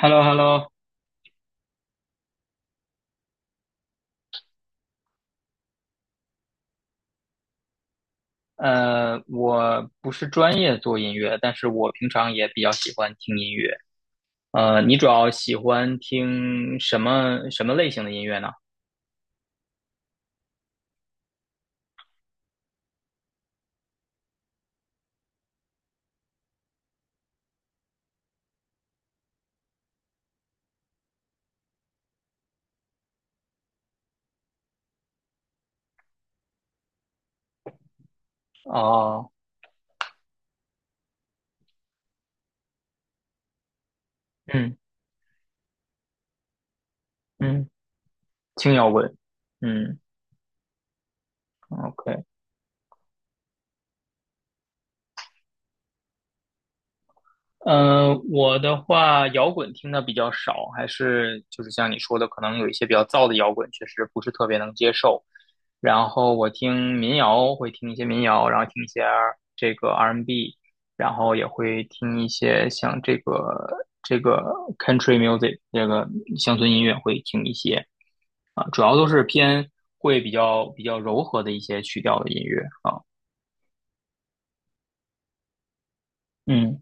h e l l o h e l l o 我不是专业做音乐，但是我平常也比较喜欢听音乐。你主要喜欢听什么类型的音乐呢？哦，嗯嗯，轻摇滚，嗯，OK。嗯，我的话，摇滚听的比较少，还是就是像你说的，可能有一些比较燥的摇滚，确实不是特别能接受。然后我听民谣，会听一些民谣，然后听一些 R&B,然后也会听一些像这个 country music,这个乡村音乐会听一些啊，主要都是偏会比较柔和的一些曲调的音乐啊。嗯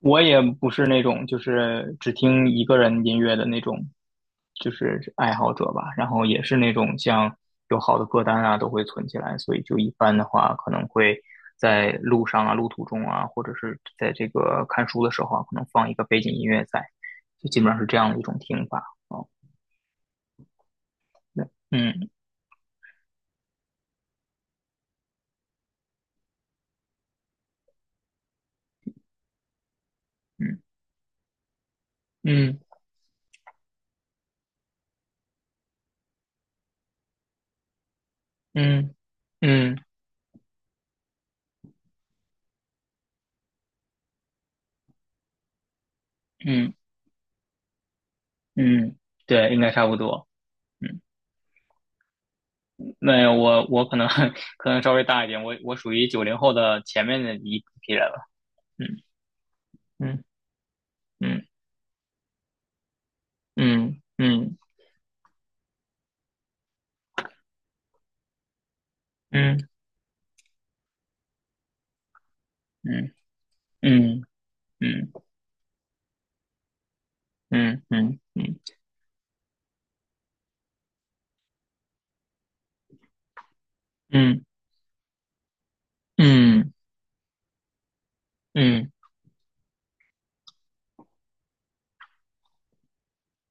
我也不是那种就是只听一个人音乐的那种，就是爱好者吧。然后也是那种像有好的歌单啊，都会存起来。所以就一般的话，可能会在路上啊、路途中啊，或者是在这个看书的时候啊，可能放一个背景音乐在，就基本上是这样的一种听法。哦，对，嗯嗯嗯嗯嗯嗯嗯，对，应该差不多。嗯。那我可能 可能稍微大一点，我属于90后的前面的一批人了。嗯嗯嗯嗯嗯嗯嗯嗯嗯嗯嗯嗯嗯嗯嗯嗯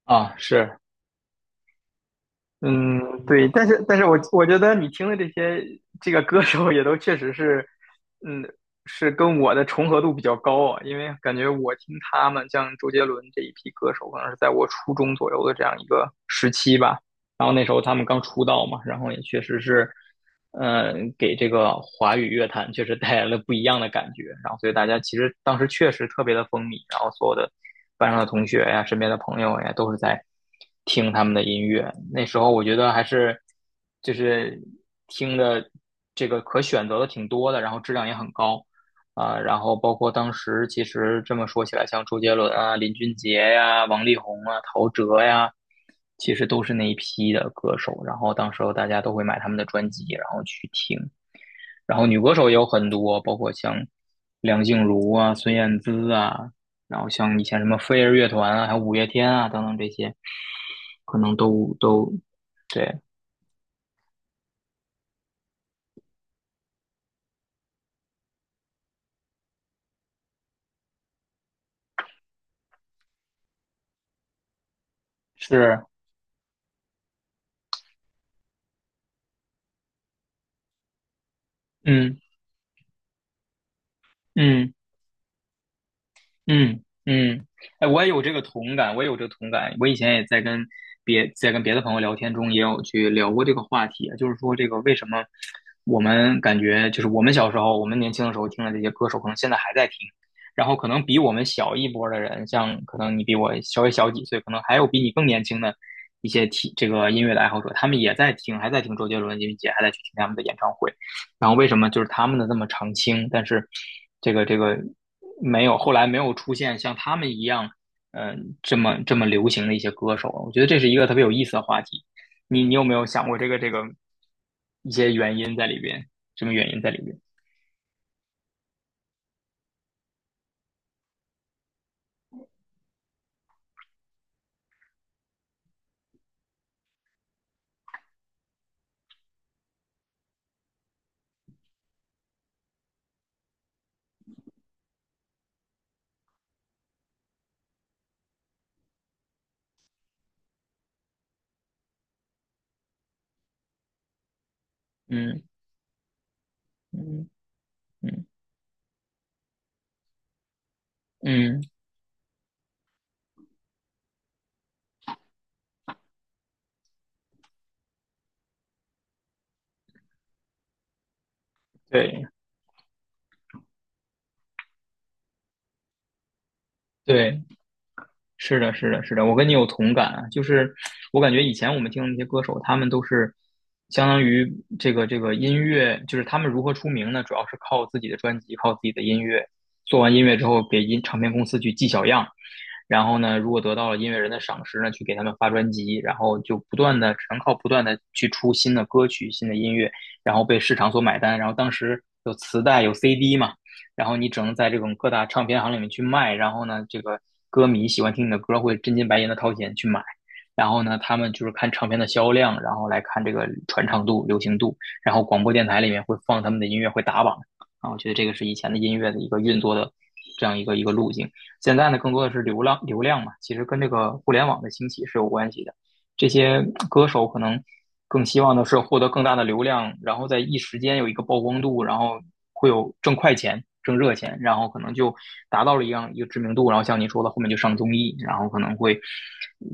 啊，是嗯，对，但是我觉得你听的这些这个歌手也都确实是，嗯，是跟我的重合度比较高啊，因为感觉我听他们像周杰伦这一批歌手，可能是在我初中左右的这样一个时期吧，然后那时候他们刚出道嘛，然后也确实是，嗯，给这个华语乐坛确实带来了不一样的感觉，然后所以大家其实当时确实特别的风靡，然后所有的班上的同学呀、身边的朋友呀，都是在听他们的音乐。那时候我觉得还是就是听的这个可选择的挺多的，然后质量也很高啊、然后包括当时其实这么说起来，像周杰伦啊、林俊杰呀、王力宏啊、陶喆呀，其实都是那一批的歌手。然后当时候大家都会买他们的专辑，然后去听。然后女歌手也有很多，包括像梁静茹啊、孙燕姿啊，然后像以前什么飞儿乐团啊，还有五月天啊等等这些，可能都对，是，嗯嗯。嗯嗯，哎，我也有这个同感，我也有这个同感。我以前也在跟别的朋友聊天中，也有去聊过这个话题，就是说这个为什么我们感觉就是我们小时候，我们年轻的时候听的这些歌手，可能现在还在听，然后可能比我们小一波的人，像可能你比我稍微小几岁，可能还有比你更年轻的一些听这个音乐的爱好者，他们也在听，还在听周杰伦、林俊杰，还在去听他们的演唱会。然后为什么就是他们的这么长青，但是这个这个。没有，后来没有出现像他们一样，这么流行的一些歌手。我觉得这是一个特别有意思的话题。你有没有想过这个这个一些原因在里边？什么原因在里边？嗯嗯嗯嗯，对对，是的，是的，是的，我跟你有同感啊。就是我感觉以前我们听的那些歌手，他们都是相当于这个这个音乐，就是他们如何出名呢？主要是靠自己的专辑，靠自己的音乐。做完音乐之后，给音唱片公司去寄小样。然后呢，如果得到了音乐人的赏识呢，去给他们发专辑，然后就不断的只能靠不断的去出新的歌曲、新的音乐，然后被市场所买单。然后当时有磁带、有 CD 嘛，然后你只能在这种各大唱片行里面去卖。然后呢，这个歌迷喜欢听你的歌，会真金白银的掏钱去买。然后呢，他们就是看唱片的销量，然后来看这个传唱度、流行度，然后广播电台里面会放他们的音乐，会打榜啊。我觉得这个是以前的音乐的一个运作的这样一个一个路径。现在呢，更多的是流量嘛，其实跟这个互联网的兴起是有关系的。这些歌手可能更希望的是获得更大的流量，然后在一时间有一个曝光度，然后会有挣快钱、挣热钱，然后可能就达到了一样一个知名度，然后像您说的，后面就上综艺，然后可能会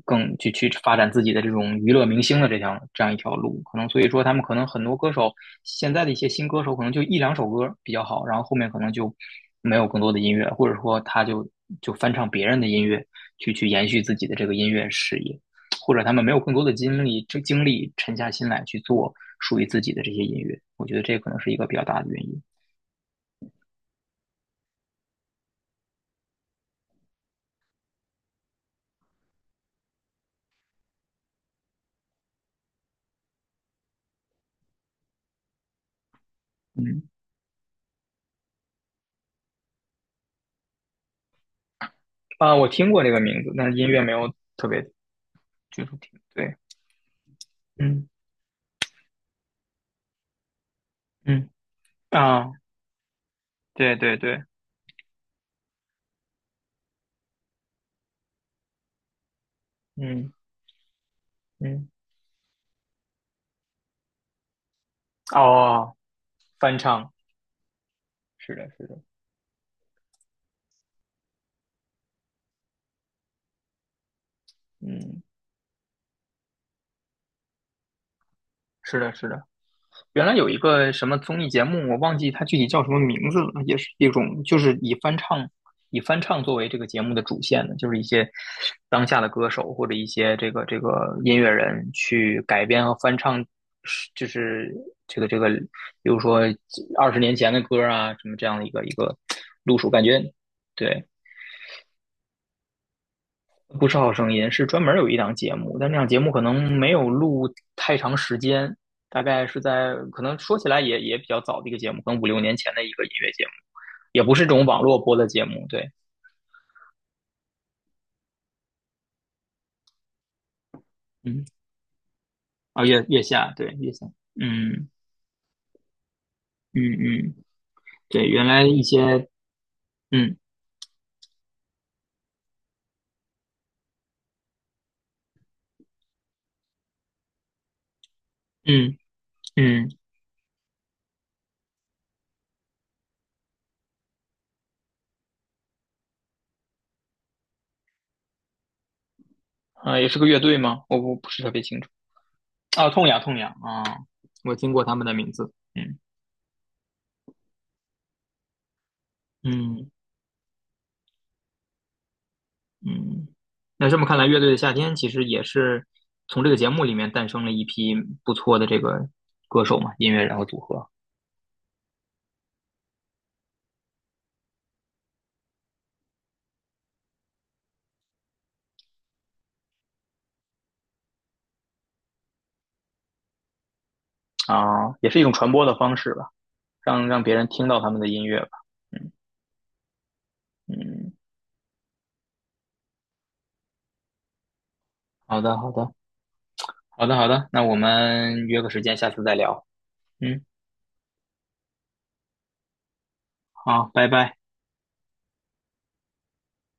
更去发展自己的这种娱乐明星的这条这样一条路，可能所以说他们可能很多歌手现在的一些新歌手可能就一两首歌比较好，然后后面可能就没有更多的音乐，或者说他就翻唱别人的音乐去延续自己的这个音乐事业。或者他们没有更多的精力，这精力沉下心来去做属于自己的这些音乐，我觉得这可能是一个比较大的原因。嗯，啊，我听过这个名字，但是音乐没有特别接触听。对，嗯嗯啊，对对对，嗯嗯，哦，翻唱，是的，是的，嗯，是的，是的。原来有一个什么综艺节目，我忘记它具体叫什么名字了，也是一种就是以翻唱作为这个节目的主线的，就是一些当下的歌手或者一些这个这个音乐人去改编和翻唱，就是这个这个，比如说20年前的歌啊，什么这样的一个一个路数，感觉对，不是好声音是专门有一档节目，但那档节目可能没有录太长时间，大概是在可能说起来也比较早的一个节目，可能5、6年前的一个音乐节目，也不是这种网络播的节目。对，嗯，啊，月下，对，月下，嗯嗯嗯，对，原来一些，嗯嗯嗯，啊，也是个乐队吗？我不是特别清楚。啊，痛痒痛痒啊，我听过他们的名字。嗯嗯。嗯，那这么看来，乐队的夏天其实也是从这个节目里面诞生了一批不错的这个歌手嘛，音乐人和组合啊，也是一种传播的方式吧，让别人听到他们的音乐吧。嗯嗯，好的好的好的好的，那我们约个时间，下次再聊。嗯，好，拜拜。